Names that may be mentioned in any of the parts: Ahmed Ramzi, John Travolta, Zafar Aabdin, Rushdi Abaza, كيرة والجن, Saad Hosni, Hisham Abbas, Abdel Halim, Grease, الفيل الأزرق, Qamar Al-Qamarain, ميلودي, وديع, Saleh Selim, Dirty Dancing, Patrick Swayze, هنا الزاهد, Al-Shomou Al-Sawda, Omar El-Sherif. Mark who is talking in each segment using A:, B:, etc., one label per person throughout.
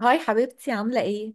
A: هاي حبيبتي عاملة ايه؟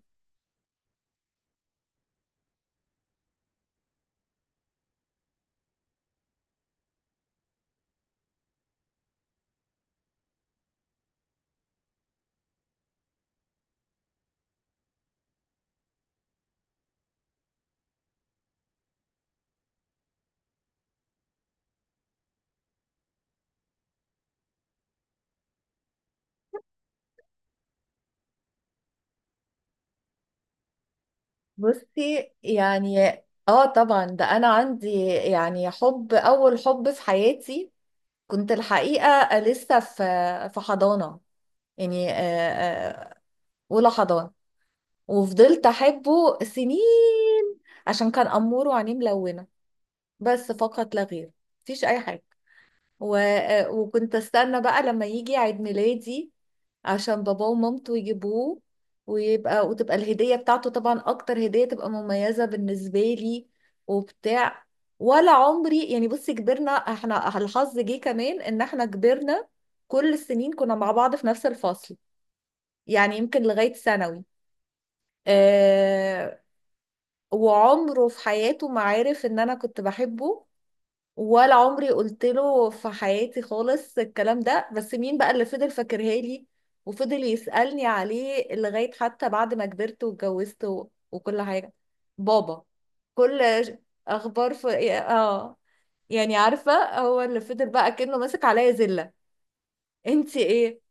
A: بصي يعني اه طبعا ده انا عندي يعني حب، اول حب في حياتي. كنت الحقيقه لسه في حضانه، يعني آه، اولى حضانه. وفضلت احبه سنين عشان كان امور وعينيه ملونه، بس فقط لا غير. مفيش اي حاجه. و... آه، وكنت استنى بقى لما يجي عيد ميلادي عشان باباه ومامته يجيبوه، ويبقى وتبقى الهدية بتاعته طبعا أكتر هدية تبقى مميزة بالنسبة لي وبتاع. ولا عمري، يعني بصي كبرنا، احنا الحظ جه كمان ان احنا كبرنا كل السنين كنا مع بعض في نفس الفصل، يعني يمكن لغاية ثانوي. آه. وعمره في حياته ما عرف ان انا كنت بحبه، ولا عمري قلت له في حياتي خالص الكلام ده. بس مين بقى اللي فضل فاكرها لي وفضل يسألني عليه لغاية حتى بعد ما كبرت واتجوزت وكل حاجة؟ بابا. كل ش- اخبار في اه، يعني عارفة هو اللي فضل بقى كأنه ماسك عليا زلة. انتي ايه؟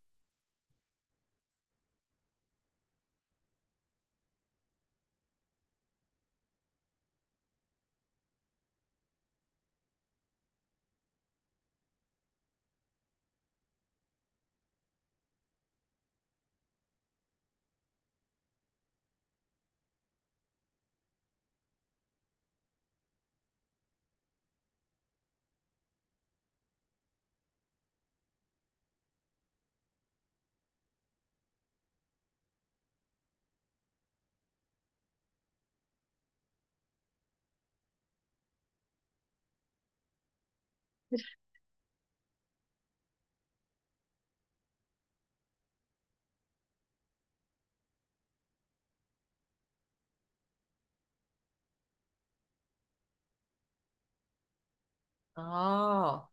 A: اه،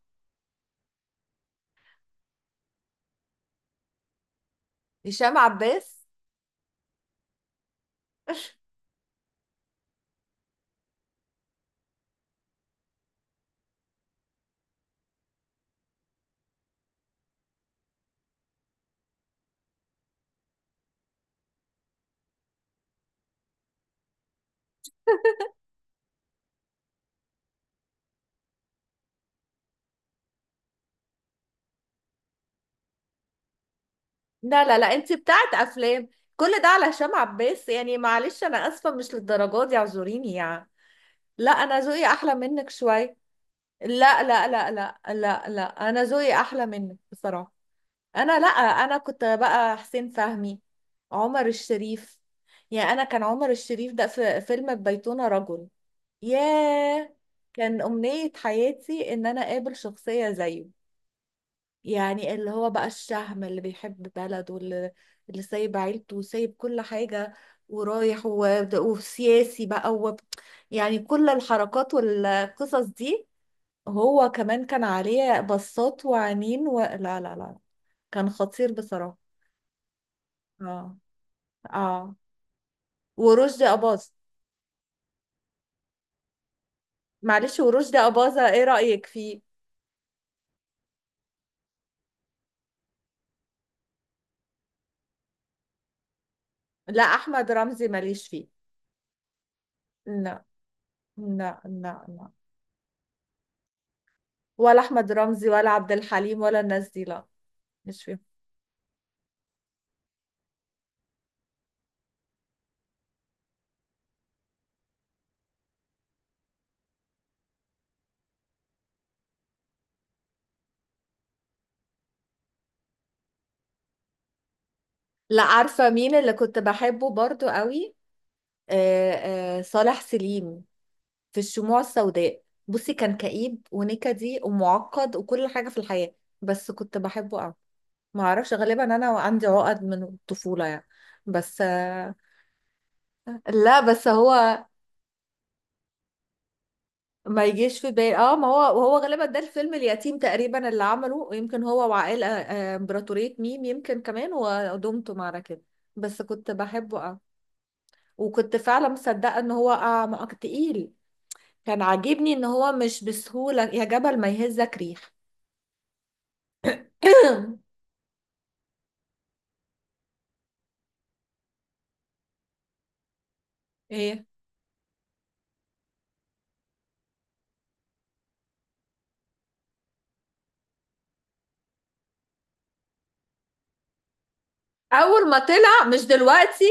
A: هشام عباس؟ لا لا لا، انتي بتاعت افلام. كل ده على هشام عباس؟ يعني معلش انا اسفة، مش للدرجة دي، اعذريني يعني. لا انا ذوقي احلى منك شوية. لا لا لا لا لا لا، انا ذوقي احلى منك بصراحه. انا لا انا كنت بقى حسين فهمي، عمر الشريف. يعني انا كان عمر الشريف ده في فيلم بيتنا رجل، ياه، كان امنيه حياتي ان انا اقابل شخصيه زيه. يعني اللي هو بقى الشهم اللي بيحب بلده، واللي اللي سايب عيلته وسايب كل حاجه، ورايح وسياسي بقى يعني كل الحركات والقصص دي. هو كمان كان عليه بصات وعينين لا لا لا، كان خطير بصراحة. اه اه، ورشدي أباظة. معلش ورشدي أباظة ايه رأيك فيه؟ لا أحمد رمزي ماليش فيه. لا لا لا لا، ولا أحمد رمزي ولا عبد الحليم ولا الناس دي، لا مش فيهم. لا عارفة مين اللي كنت بحبه برضو قوي؟ آه، آه، صالح سليم في الشموع السوداء. بصي كان كئيب ونكدي ومعقد وكل حاجة في الحياة، بس كنت بحبه قوي. ما اعرفش، غالبا انا عندي عقد من الطفوله يعني. بس آه، لا بس هو ما يجيش في بالي. اه، ما هو وهو غالبا ده الفيلم اليتيم تقريبا اللي عمله، يمكن هو وعائلة آه، امبراطورية ميم، يمكن كمان ودمتم معنا كده. بس كنت بحبه اه. وكنت فعلا مصدقة ان هو اه تقيل. كان عاجبني ان هو مش بسهولة، يا جبل ما يهزك ريح. ايه. اول ما طلع مش دلوقتي،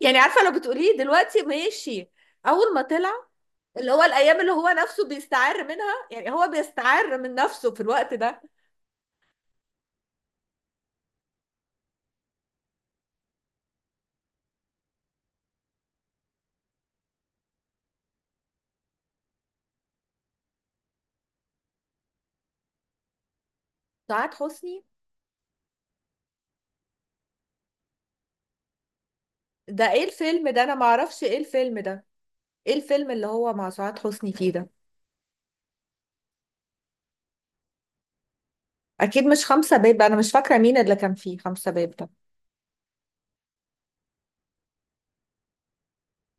A: يعني عارفة لو بتقوليه دلوقتي ماشي، اول ما طلع. اللي هو الايام اللي هو نفسه بيستعر منها، يعني هو بيستعر من نفسه في الوقت ده. سعاد حسني؟ ده ايه الفيلم ده، انا معرفش ايه الفيلم ده. ايه الفيلم اللي هو مع سعاد حسني فيه ده؟ اكيد مش خمسة باب، انا مش فاكرة مين اللي كان فيه خمسة باب ده.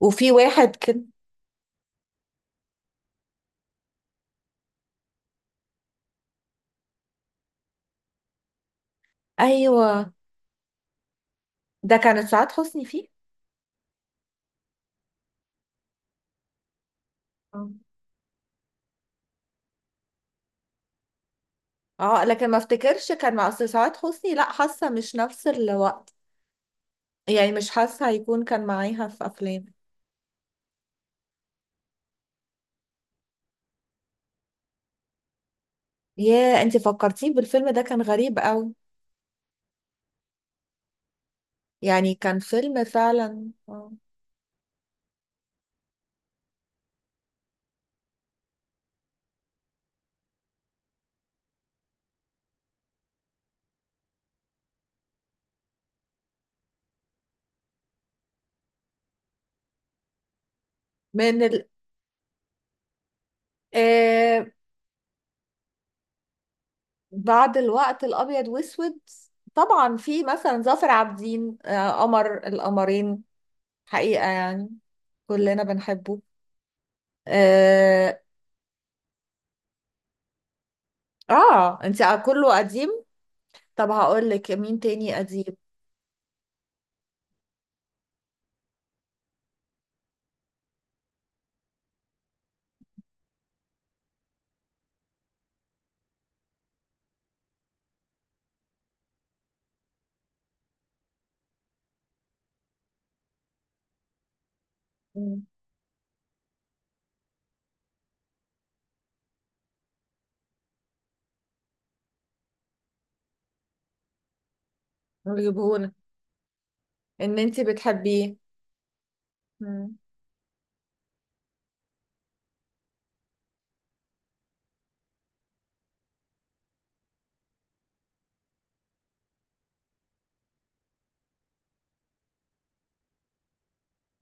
A: وفي واحد كده، ايوه. ده كانت سعاد حسني فيه؟ اه آه، لكن ما افتكرش كان مع، أصل سعاد حسني لا حاسة مش نفس الوقت، يعني مش حاسة هيكون كان معاها في افلام. ياه انت فكرتيني بالفيلم ده، كان غريب قوي، يعني كان فيلم فعلا آه. من ال... آه بعد الوقت الأبيض وأسود، طبعا في مثلا ظافر عابدين، آه قمر القمرين، حقيقة يعني كلنا بنحبه. اه، آه. انت كله قديم. طب هقول لك مين تاني قديم. مم. نجيبهولك، ان انت بتحبيه. مم.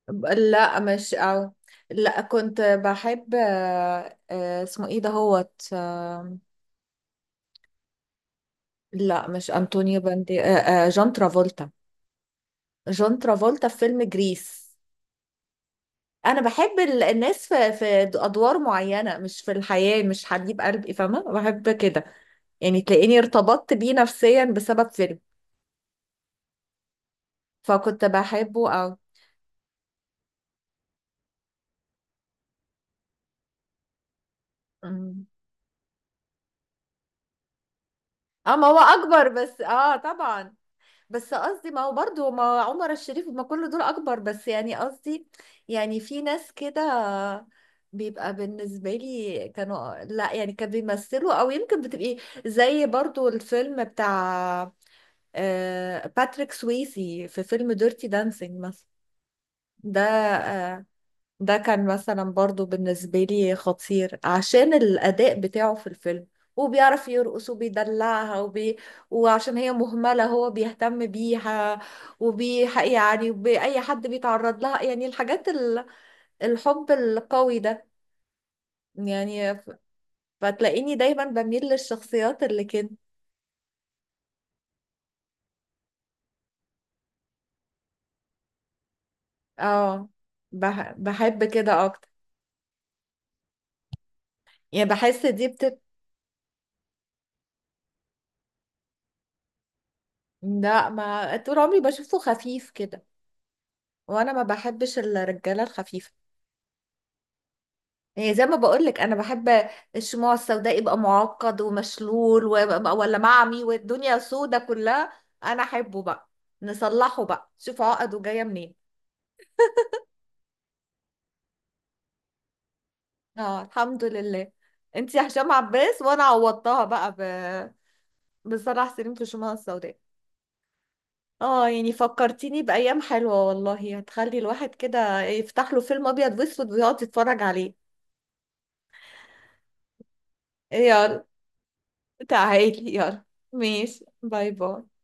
A: لا مش أو، لا كنت بحب آه آه اسمه ايه ده، هوت، لا مش انطونيو باندي، آه، آه، جون ترافولتا، جون ترافولتا في فيلم جريس. انا بحب الناس في ادوار معينه، مش في الحياه، مش حبيب قلبي، فاهمه؟ بحب كده، يعني تلاقيني ارتبطت بيه نفسيا بسبب فيلم، فكنت بحبه. او اه، ما هو اكبر بس اه طبعا، بس قصدي ما هو برضه، ما عمر الشريف ما كل دول اكبر، بس يعني قصدي، يعني في ناس كده بيبقى بالنسبة لي، كانوا لا يعني كانوا بيمثلوا، او يمكن بتبقي زي برضو الفيلم بتاع آه، باتريك سويسي في فيلم ديرتي دانسينج مثلا. ده آه، ده كان مثلا برضو بالنسبة لي خطير عشان الأداء بتاعه في الفيلم، وبيعرف يرقص وبيدلعها وعشان هي مهملة هو بيهتم بيها، وبي، يعني وبأي حد بيتعرض لها، يعني الحاجات الحب القوي ده. يعني ف- فتلاقيني دايما بميل للشخصيات اللي كده. اه بحب كده أكتر، يعني بحس دي بت. لا ما طول عمري بشوفه خفيف كده، وأنا ما بحبش الرجالة الخفيفة. يعني زي ما بقولك انا بحب الشموع السوداء، يبقى معقد ومشلول ولا معمي والدنيا سودة كلها، انا احبه بقى، نصلحه بقى شوف عقده جاية منين. اه الحمد لله. انت يا هشام عباس، وانا عوضتها بقى بصلاح سليم في الشموع السوداء. اه يعني فكرتيني بأيام حلوة والله، هتخلي الواحد كده يفتح له فيلم ابيض واسود ويقعد يتفرج عليه. يلا، تعالي يلا. ماشي باي باي.